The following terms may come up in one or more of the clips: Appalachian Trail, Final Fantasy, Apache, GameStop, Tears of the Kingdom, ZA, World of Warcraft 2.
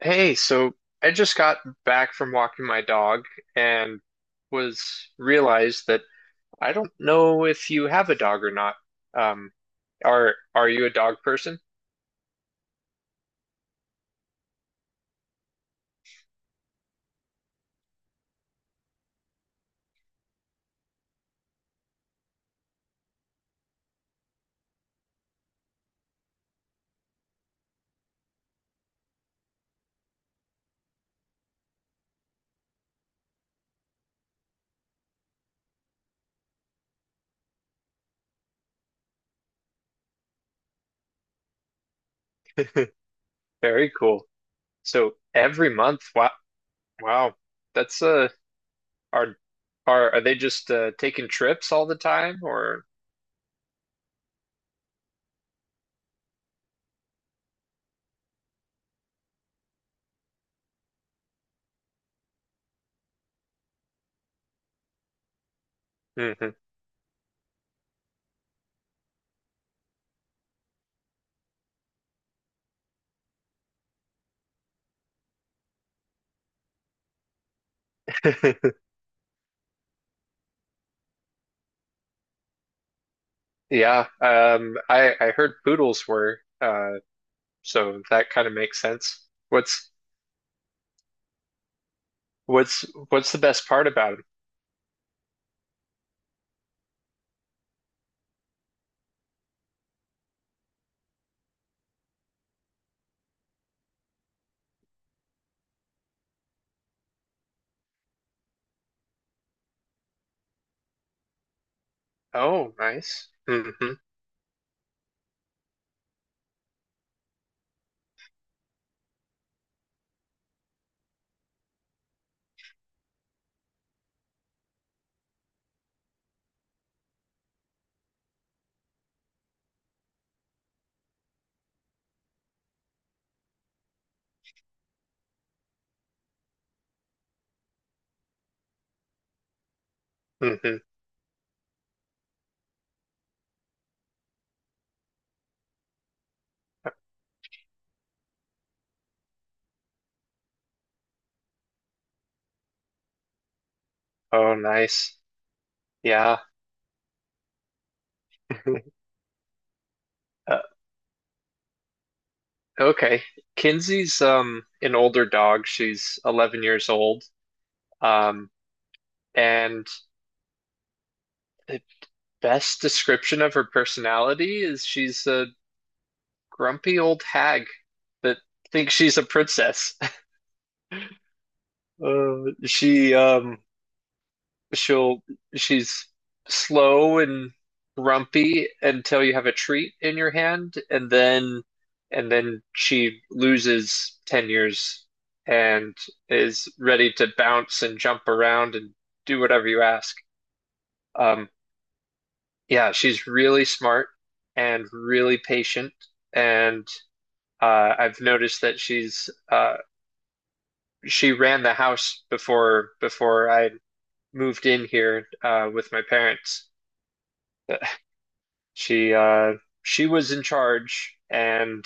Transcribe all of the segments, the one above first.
Hey, so I just got back from walking my dog and was realized that I don't know if you have a dog or not. Um, are you a dog person? Very cool. So every month, wow, wow, that's are are they just taking trips all the time or? Mhm. Yeah, I heard poodles were, so that kind of makes sense. What's what's the best part about 'em? Oh, nice. Hmm. Hmm. Oh, nice. Yeah. Uh, okay. Kinsey's an older dog. She's 11 years old. Um, and the best description of her personality is she's a grumpy old hag that thinks she's a princess. Uh, she um She'll she's slow and grumpy until you have a treat in your hand, and then she loses 10 years and is ready to bounce and jump around and do whatever you ask. Um, yeah, she's really smart and really patient, and I've noticed that she ran the house before I moved in here with my parents. Uh, She she was in charge and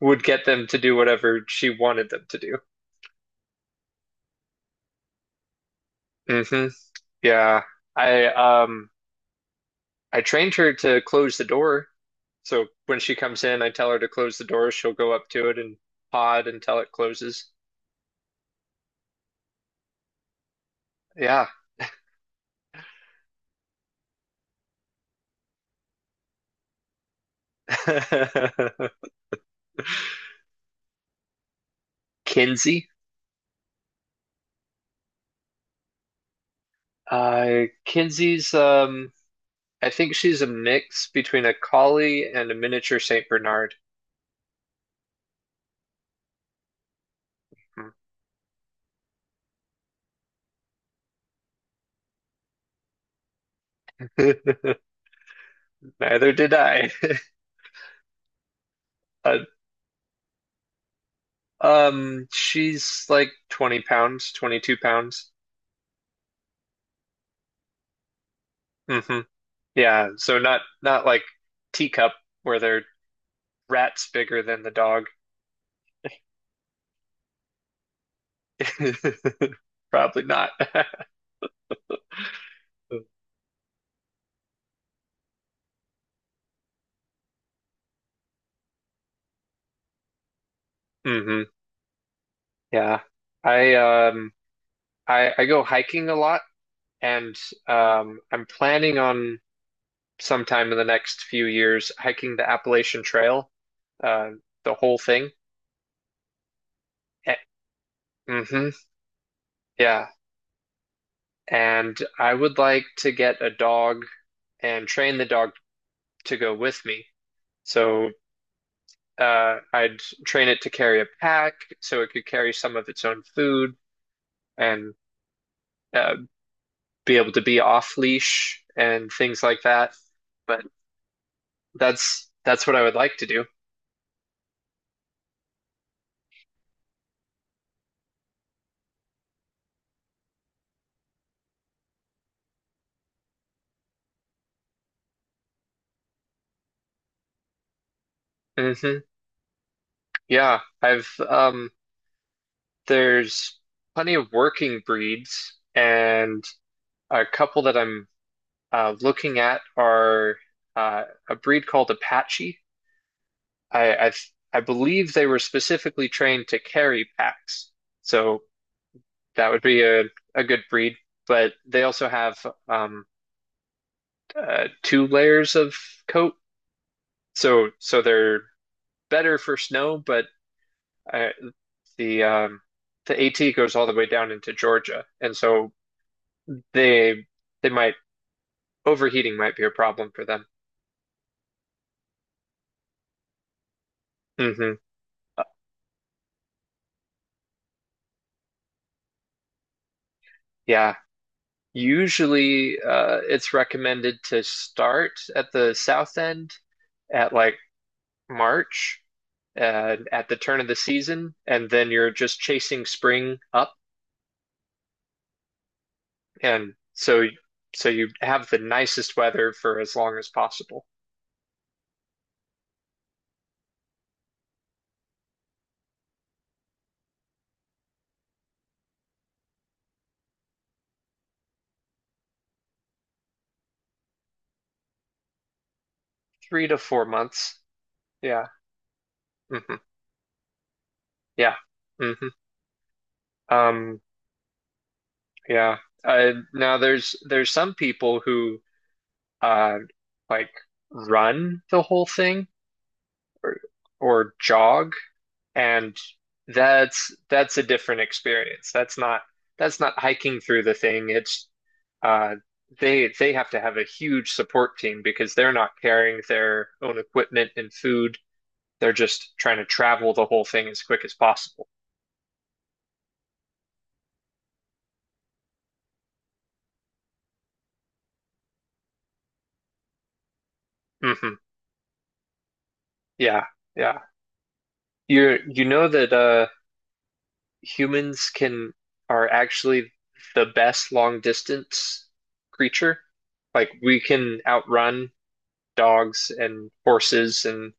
would get them to do whatever she wanted them to do. Hmm. Yeah. I um I trained her to close the door. So when she comes in, I tell her to close the door. She'll go up to it and pod until it closes. Yeah. Kinsey. Kinsey's I think she's a mix between a collie and a miniature Saint Bernard. Neither did I. Uh, she's like 20 pounds, 22 pounds. Hmm. Yeah, so not like teacup where they're rats bigger than the dog. Probably not. Hmm. Yeah. I um I go hiking a lot and I'm planning on sometime in the next few years hiking the Appalachian Trail, uh the whole thing. Hmm. Yeah. And I would like to get a dog and train the dog to go with me. So I'd train it to carry a pack so it could carry some of its own food and uh, be able to be off leash and things like that. But that's what I would like to do. Hmm. Yeah, I've there's plenty of working breeds, and a couple that I'm looking at are uh, a breed called Apache. I I I believe they were specifically trained to carry packs, so that would be a good breed. But they also have um two layers of coat, so they're better for snow. But uh, the um the AT goes all the way down into Georgia, and so they they might overheating might be a problem for them. Hmm. Yeah. Usually, it's recommended to start at the south end at like March, at the turn of the season, and then you're just chasing spring up, and so you have the nicest weather for as long as possible. 3 to 4 months. Yeah. Hmm. Yeah. Hmm. Um, yeah. Now there's some people who uh like run the whole thing or jog. And that's a different experience. That's not hiking through the thing. It's uh they have to have a huge support team because they're not carrying their own equipment and food. They're just trying to travel the whole thing as quick as possible. Hmm. Yeah, yeah. You know that humans can are actually the best long distance creature. Like we can outrun dogs and horses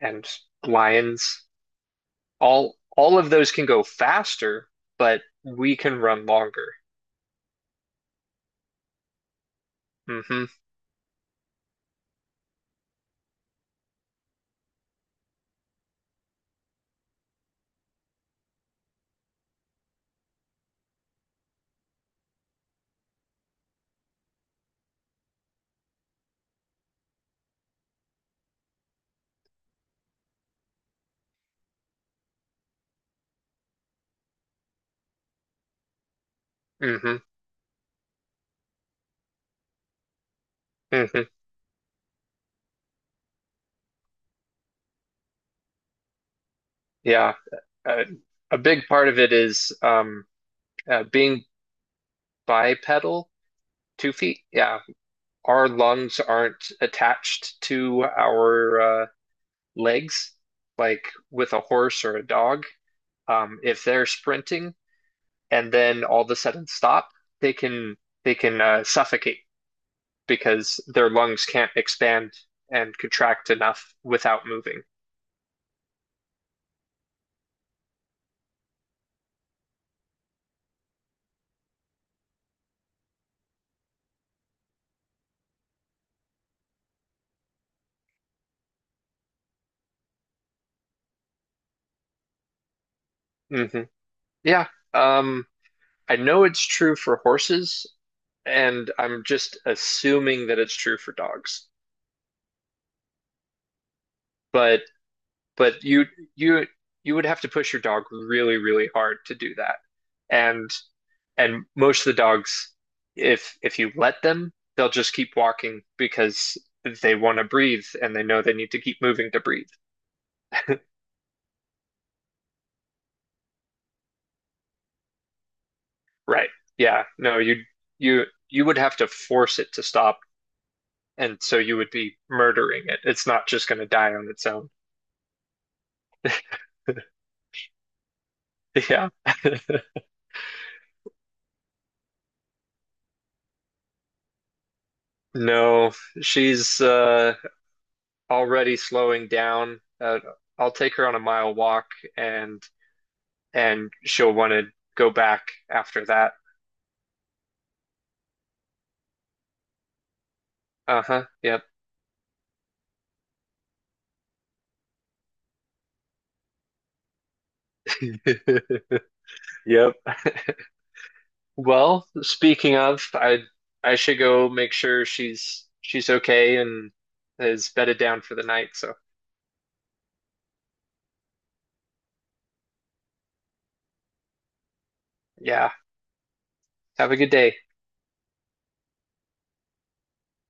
and lions. All of those can go faster, but we can run longer. Hmm. Hmm. Hmm. Yeah. Uh, a big part of it is being bipedal, two feet. Yeah. Our lungs aren't attached to our legs like with a horse or a dog. If they're sprinting and then all of a sudden stop, they can they can suffocate because their lungs can't expand and contract enough without moving. Hmm. Yeah. Um, I know it's true for horses, and I'm just assuming that it's true for dogs. But but you you you would have to push your dog really, really hard to do that. And most of the dogs, if you let them, they'll just keep walking because they want to breathe and they know they need to keep moving to breathe. Right. Yeah. No, you you would have to force it to stop, and so you would be murdering it. It's not just going to die on its own. Yeah. No, she's already slowing down. I'll take her on a mile walk and she'll want to go back after that. Uh-huh. Yep. Yep. Well, speaking of, I should go make sure she's okay and is bedded down for the night, so yeah. Have a good day.